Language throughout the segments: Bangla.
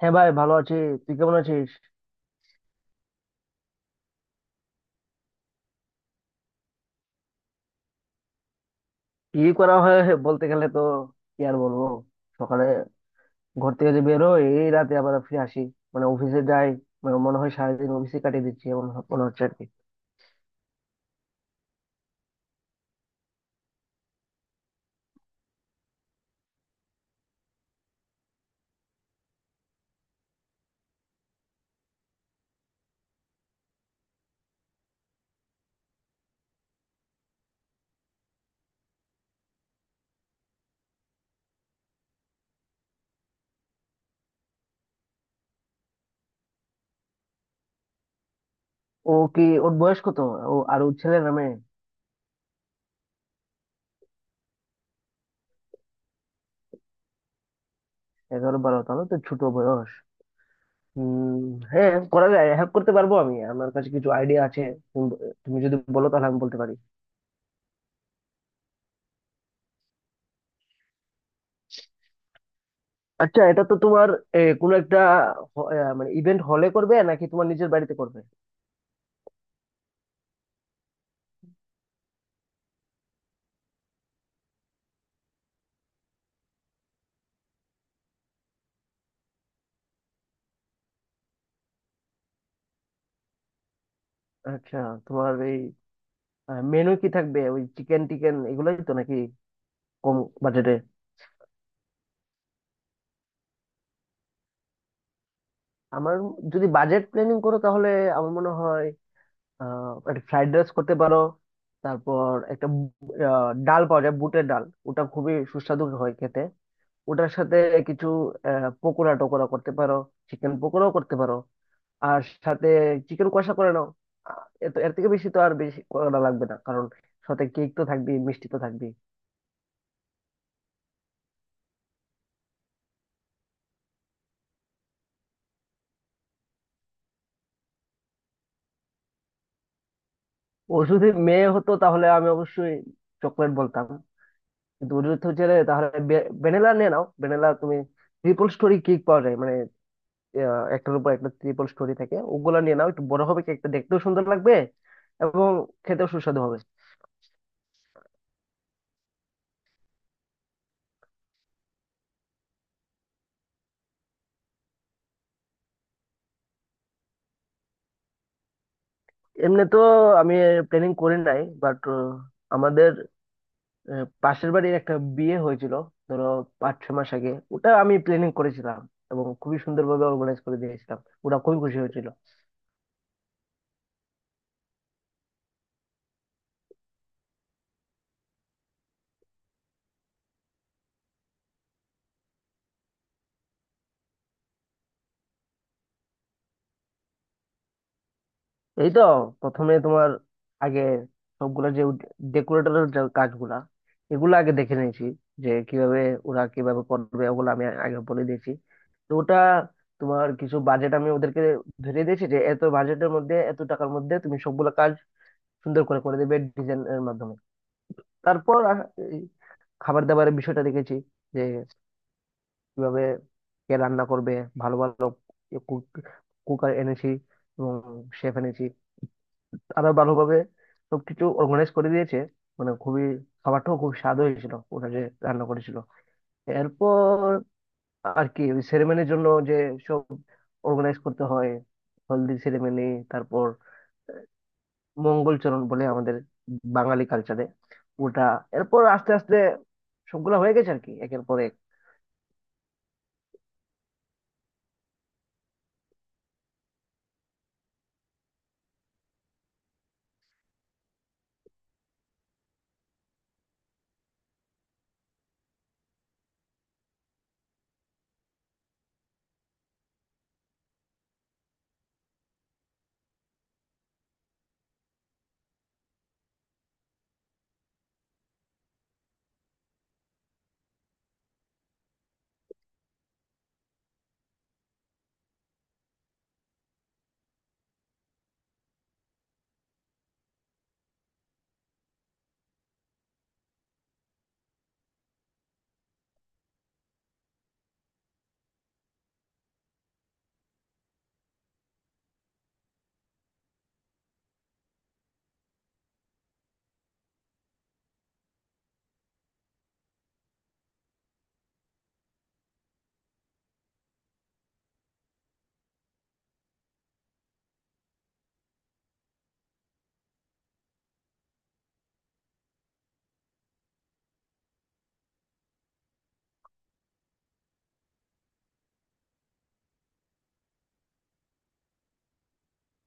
হ্যাঁ ভাই, ভালো আছি। তুই কেমন আছিস? কি করা হয়, বলতে গেলে তো কি আর বলবো। সকালে ঘর থেকে যে বের হই এই রাতে আবার ফিরে আসি, মানে অফিসে যাই। মানে মনে হয় সারাদিন অফিসে কাটিয়ে দিচ্ছি এমন মনে হচ্ছে আর কি। ও কি? ওর বয়স কত? ও আর ওর ছেলে নামে। 11-12, তাহলে তো ছোট বয়স। হম। হ্যাঁ, করা যায়, হেল্প করতে পারবো, আমি আমার কাছে কিছু আইডিয়া আছে। তুমি তুমি যদি বলো তাহলে আমি বলতে পারি। আচ্ছা, এটা তো তোমার কোনো একটা মানে ইভেন্ট হলে করবে নাকি তোমার নিজের বাড়িতে করবে? আচ্ছা, তোমার এই মেনু কি থাকবে? ওই চিকেন টিকেন এগুলোই তো নাকি? কম বাজেটে। আমার, যদি বাজেট প্ল্যানিং করো তাহলে আমার মনে হয় একটা ফ্রাইড রাইস করতে পারো। তারপর একটা ডাল পাওয়া যায়, বুটের ডাল, ওটা খুবই সুস্বাদু হয় খেতে। ওটার সাথে কিছু পকোড়া টকোড়া করতে পারো, চিকেন পকোড়াও করতে পারো। আর সাথে চিকেন কষা করে নাও। এত, এর থেকে বেশি তো আর বেশি করা লাগবে না, কারণ সাথে কেক তো থাকবেই, মিষ্টি তো থাকবেই। ও যদি মেয়ে হতো তাহলে আমি অবশ্যই চকলেট বলতাম। দুধ হচ্ছে যে, তাহলে ভ্যানিলা নিয়ে নাও। ভ্যানিলা তুমি ট্রিপল স্টোরি কেক পাওয়া যায় মানে, একটার উপর একটা ট্রিপল স্টোরি থাকে, ওগুলা নিয়ে নাও, একটু বড় হবে কেকটা, দেখতেও সুন্দর লাগবে এবং খেতেও সুস্বাদু হবে। এমনি তো আমি প্ল্যানিং করি নাই, বাট আমাদের পাশের বাড়ির একটা বিয়ে হয়েছিল, ধরো 5-6 মাস আগে, ওটা আমি প্ল্যানিং করেছিলাম এবং খুবই সুন্দরভাবে অর্গানাইজ করে দিয়েছিলাম, ওরা খুবই খুশি হয়েছিল। এই তো, প্রথমে তোমার আগে সবগুলা যে ডেকোরেটরের যে কাজগুলা, এগুলো আগে দেখে নিয়েছি যে কিভাবে, ওরা কিভাবে করবে, ওগুলো আমি আগে বলে দিয়েছি। তো ওটা, তোমার কিছু বাজেট আমি ওদেরকে ধরে দিয়েছি যে এত বাজেটের মধ্যে, এত টাকার মধ্যে তুমি সবগুলা কাজ সুন্দর করে করে দেবে ডিজাইন এর মাধ্যমে। তারপর এই খাবার দাবারের বিষয়টা দেখেছি যে কিভাবে, কে রান্না করবে। ভালো ভালো কুক, কুকার এনেছি এবং শেফ এনেছি, আরো ভালোভাবে সবকিছু অর্গানাইজ করে দিয়েছে। মানে খুবই, খাবারটাও খুব স্বাদ হয়েছিল, ওটা যে রান্না করেছিল। এরপর আর কি ওই সেরেমনির জন্য যে সব অর্গানাইজ করতে হয়, হলদি সেরেমনি, তারপর মঙ্গলচরণ বলে আমাদের বাঙালি কালচারে ওটা। এরপর আস্তে আস্তে সবগুলা হয়ে গেছে আর কি একের পর এক।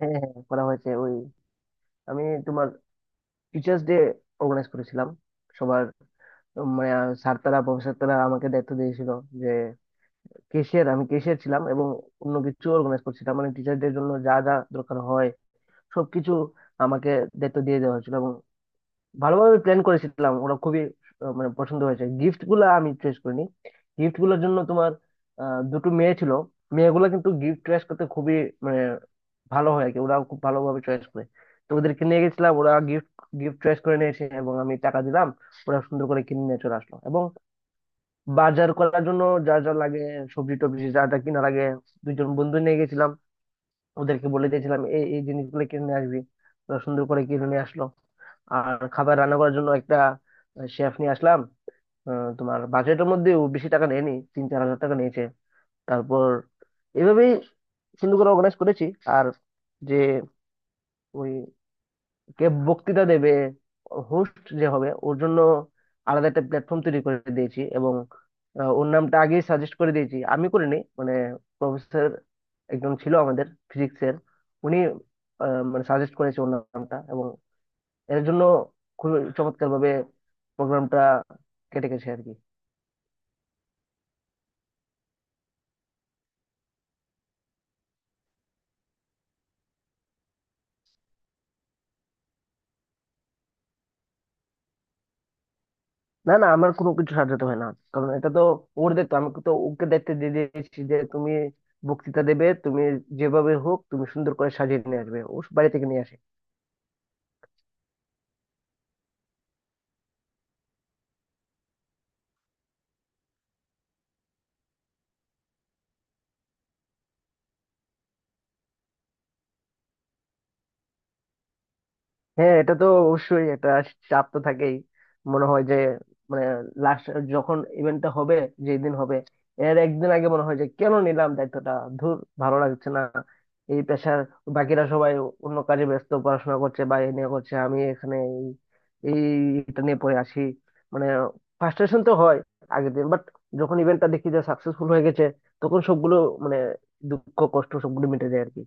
হ্যাঁ, হ্যাঁ করা হয়েছে। ওই আমি তোমার টিচার্স ডে অর্গানাইজ করেছিলাম সবার। মানে স্যার তারা, প্রফেসর তারা আমাকে দায়িত্ব দিয়েছিল যে কেশিয়ার, আমি কেশিয়ার ছিলাম এবং অন্য কিছু অর্গানাইজ করছিলাম মানে টিচারদের জন্য যা যা দরকার হয় সবকিছু আমাকে দায়িত্ব দিয়ে দেওয়া হয়েছিল এবং ভালোভাবে প্ল্যান করেছিলাম। ওরা খুবই মানে পছন্দ হয়েছে। গিফট গুলা আমি চয়েস করিনি গিফট গুলোর জন্য তোমার, দুটো মেয়ে ছিল, মেয়েগুলো কিন্তু গিফট চয়েস করতে খুবই মানে ভালো হয় আর কি, ওরা খুব ভালোভাবে চয়েস করে। তো ওদেরকে নিয়ে গেছিলাম, ওরা গিফট গিফট চয়েস করে নিয়েছে এবং আমি টাকা দিলাম। ওরা সুন্দর করে কিনে নিয়ে চলে আসলো। এবং বাজার করার জন্য যা যা লাগে, সবজি টবজি যা যা কিনা লাগে, দুজন বন্ধু নিয়ে গেছিলাম, ওদেরকে বলে দিয়েছিলাম এই এই জিনিসগুলো কিনে নিয়ে আসবি। ওরা সুন্দর করে কিনে নিয়ে আসলো। আর খাবার রান্না করার জন্য একটা শেফ নিয়ে আসলাম, তোমার বাজেটের মধ্যেও বেশি টাকা নেয়নি, 3-4 হাজার টাকা নিয়েছে। তারপর এভাবেই সুন্দর করে অর্গানাইজ করেছি। আর যে ওই কে বক্তৃতা দেবে, হোস্ট যে হবে ওর জন্য আলাদা একটা প্ল্যাটফর্ম তৈরি করে দিয়েছি এবং ওর নামটা আগেই সাজেস্ট করে দিয়েছি, আমি করিনি মানে, প্রফেসর একজন ছিল আমাদের ফিজিক্সের, উনি মানে সাজেস্ট করেছে ওর নামটা এবং এর জন্য খুবই চমৎকার ভাবে প্রোগ্রামটা কেটে গেছে আর কি। না, না, আমার কোনো কিছু সাজাতে হয় না, কারণ এটা তো ওর দায়িত্ব। আমি তো ওকে দায়িত্ব দিয়ে দিয়েছি যে তুমি বক্তৃতা দেবে, তুমি যেভাবে হোক তুমি সুন্দর করে সাজিয়ে নিয়ে আসবে, ও বাড়ি থেকে নিয়ে আসে। হ্যাঁ, এটা তো অবশ্যই একটা চাপ তো থাকেই। মনে হয় যে মানে লাস্ট, যখন ইভেন্টটা হবে, যেদিন হবে, এর একদিন আগে মনে হয় যে কেন নিলাম দায়িত্বটা, ধুর, ভালো লাগছে না এই পেশার। বাকিরা সবাই অন্য কাজে ব্যস্ত, পড়াশোনা করছে বা এ নিয়ে করছে, আমি এখানে এই, এই এটা নিয়ে পড়ে আসি। মানে ফ্রাস্ট্রেশন তো হয় আগের দিন, বাট যখন ইভেন্টটা দেখি যে সাকসেসফুল হয়ে গেছে, তখন সবগুলো মানে দুঃখ কষ্ট সবগুলো মিটে যায় আর কি।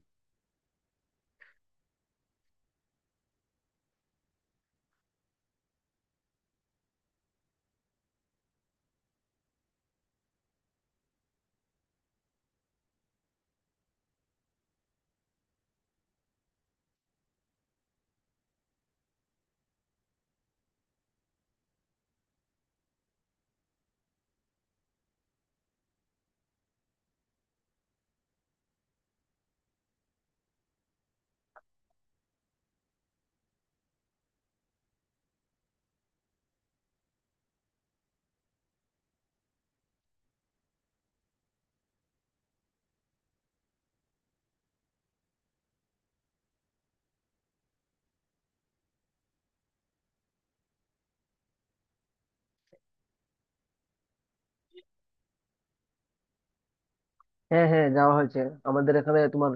হ্যাঁ, হ্যাঁ যাওয়া হয়েছে। আমাদের এখানে তোমার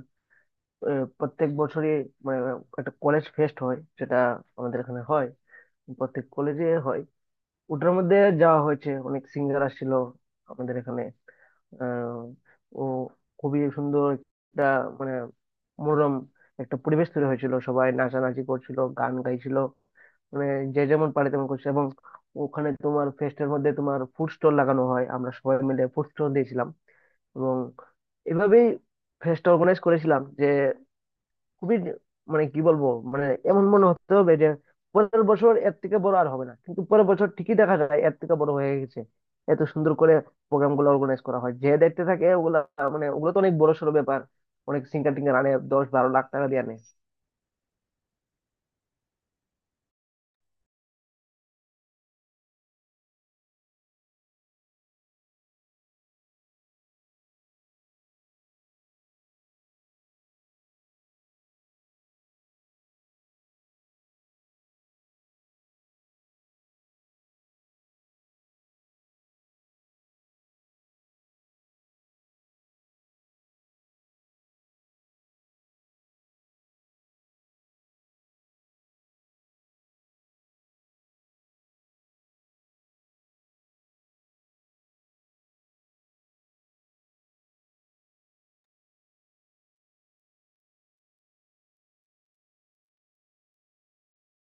প্রত্যেক বছরই মানে একটা কলেজ ফেস্ট হয়, সেটা আমাদের এখানে হয়, প্রত্যেক কলেজে হয়। ওটার মধ্যে যাওয়া হয়েছে, অনেক সিঙ্গার আসছিল আমাদের এখানে। আহ, ও, খুবই সুন্দর একটা মানে মনোরম একটা পরিবেশ তৈরি হয়েছিল, সবাই নাচানাচি করছিল, গান গাইছিল, মানে যে যেমন পারে তেমন করছে। এবং ওখানে তোমার ফেস্টের মধ্যে তোমার ফুড স্টল লাগানো হয়, আমরা সবাই মিলে ফুড স্টল দিয়েছিলাম এবং এভাবেই ফেস্টটা অর্গানাইজ করেছিলাম যে খুবই মানে কি বলবো, মানে এমন মনে হতে হবে যে পরের বছর এর থেকে বড় আর হবে না, কিন্তু পরের বছর ঠিকই দেখা যায় এর থেকে বড় হয়ে গেছে। এত সুন্দর করে প্রোগ্রাম গুলো অর্গানাইজ করা হয় যে দেখতে থাকে ওগুলা। মানে ওগুলো তো অনেক বড় সড় ব্যাপার, অনেক সিঙ্গার টিঙ্গার আনে, 10-12 লাখ টাকা দিয়ে আনে।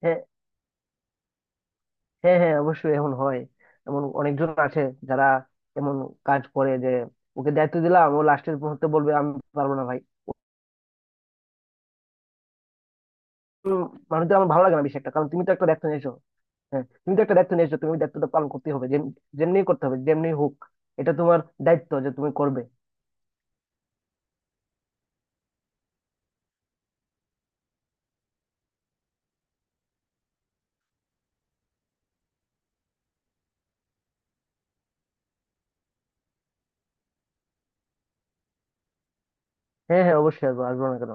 হ্যাঁ, হ্যাঁ, হ্যাঁ, অবশ্যই এমন হয়। এমন অনেকজন আছে যারা এমন কাজ করে যে ওকে দায়িত্ব দিলাম, ও লাস্টের মুহূর্তে বলবে আমি পারবো না ভাই। উম, মানুষদের আমার ভালো লাগে না বেশি একটা, কারণ তুমি তো একটা দায়িত্ব নিয়েছো। হ্যাঁ, তুমি তো একটা দায়িত্ব নিয়েছো, তুমি ওই দায়িত্বটা পালন করতে হবে, যেমনি করতে হবে যেমনি হোক, এটা তোমার দায়িত্ব যে তুমি করবে। হ্যাঁ, হ্যাঁ, অবশ্যই আসবো, আসবো না কেন।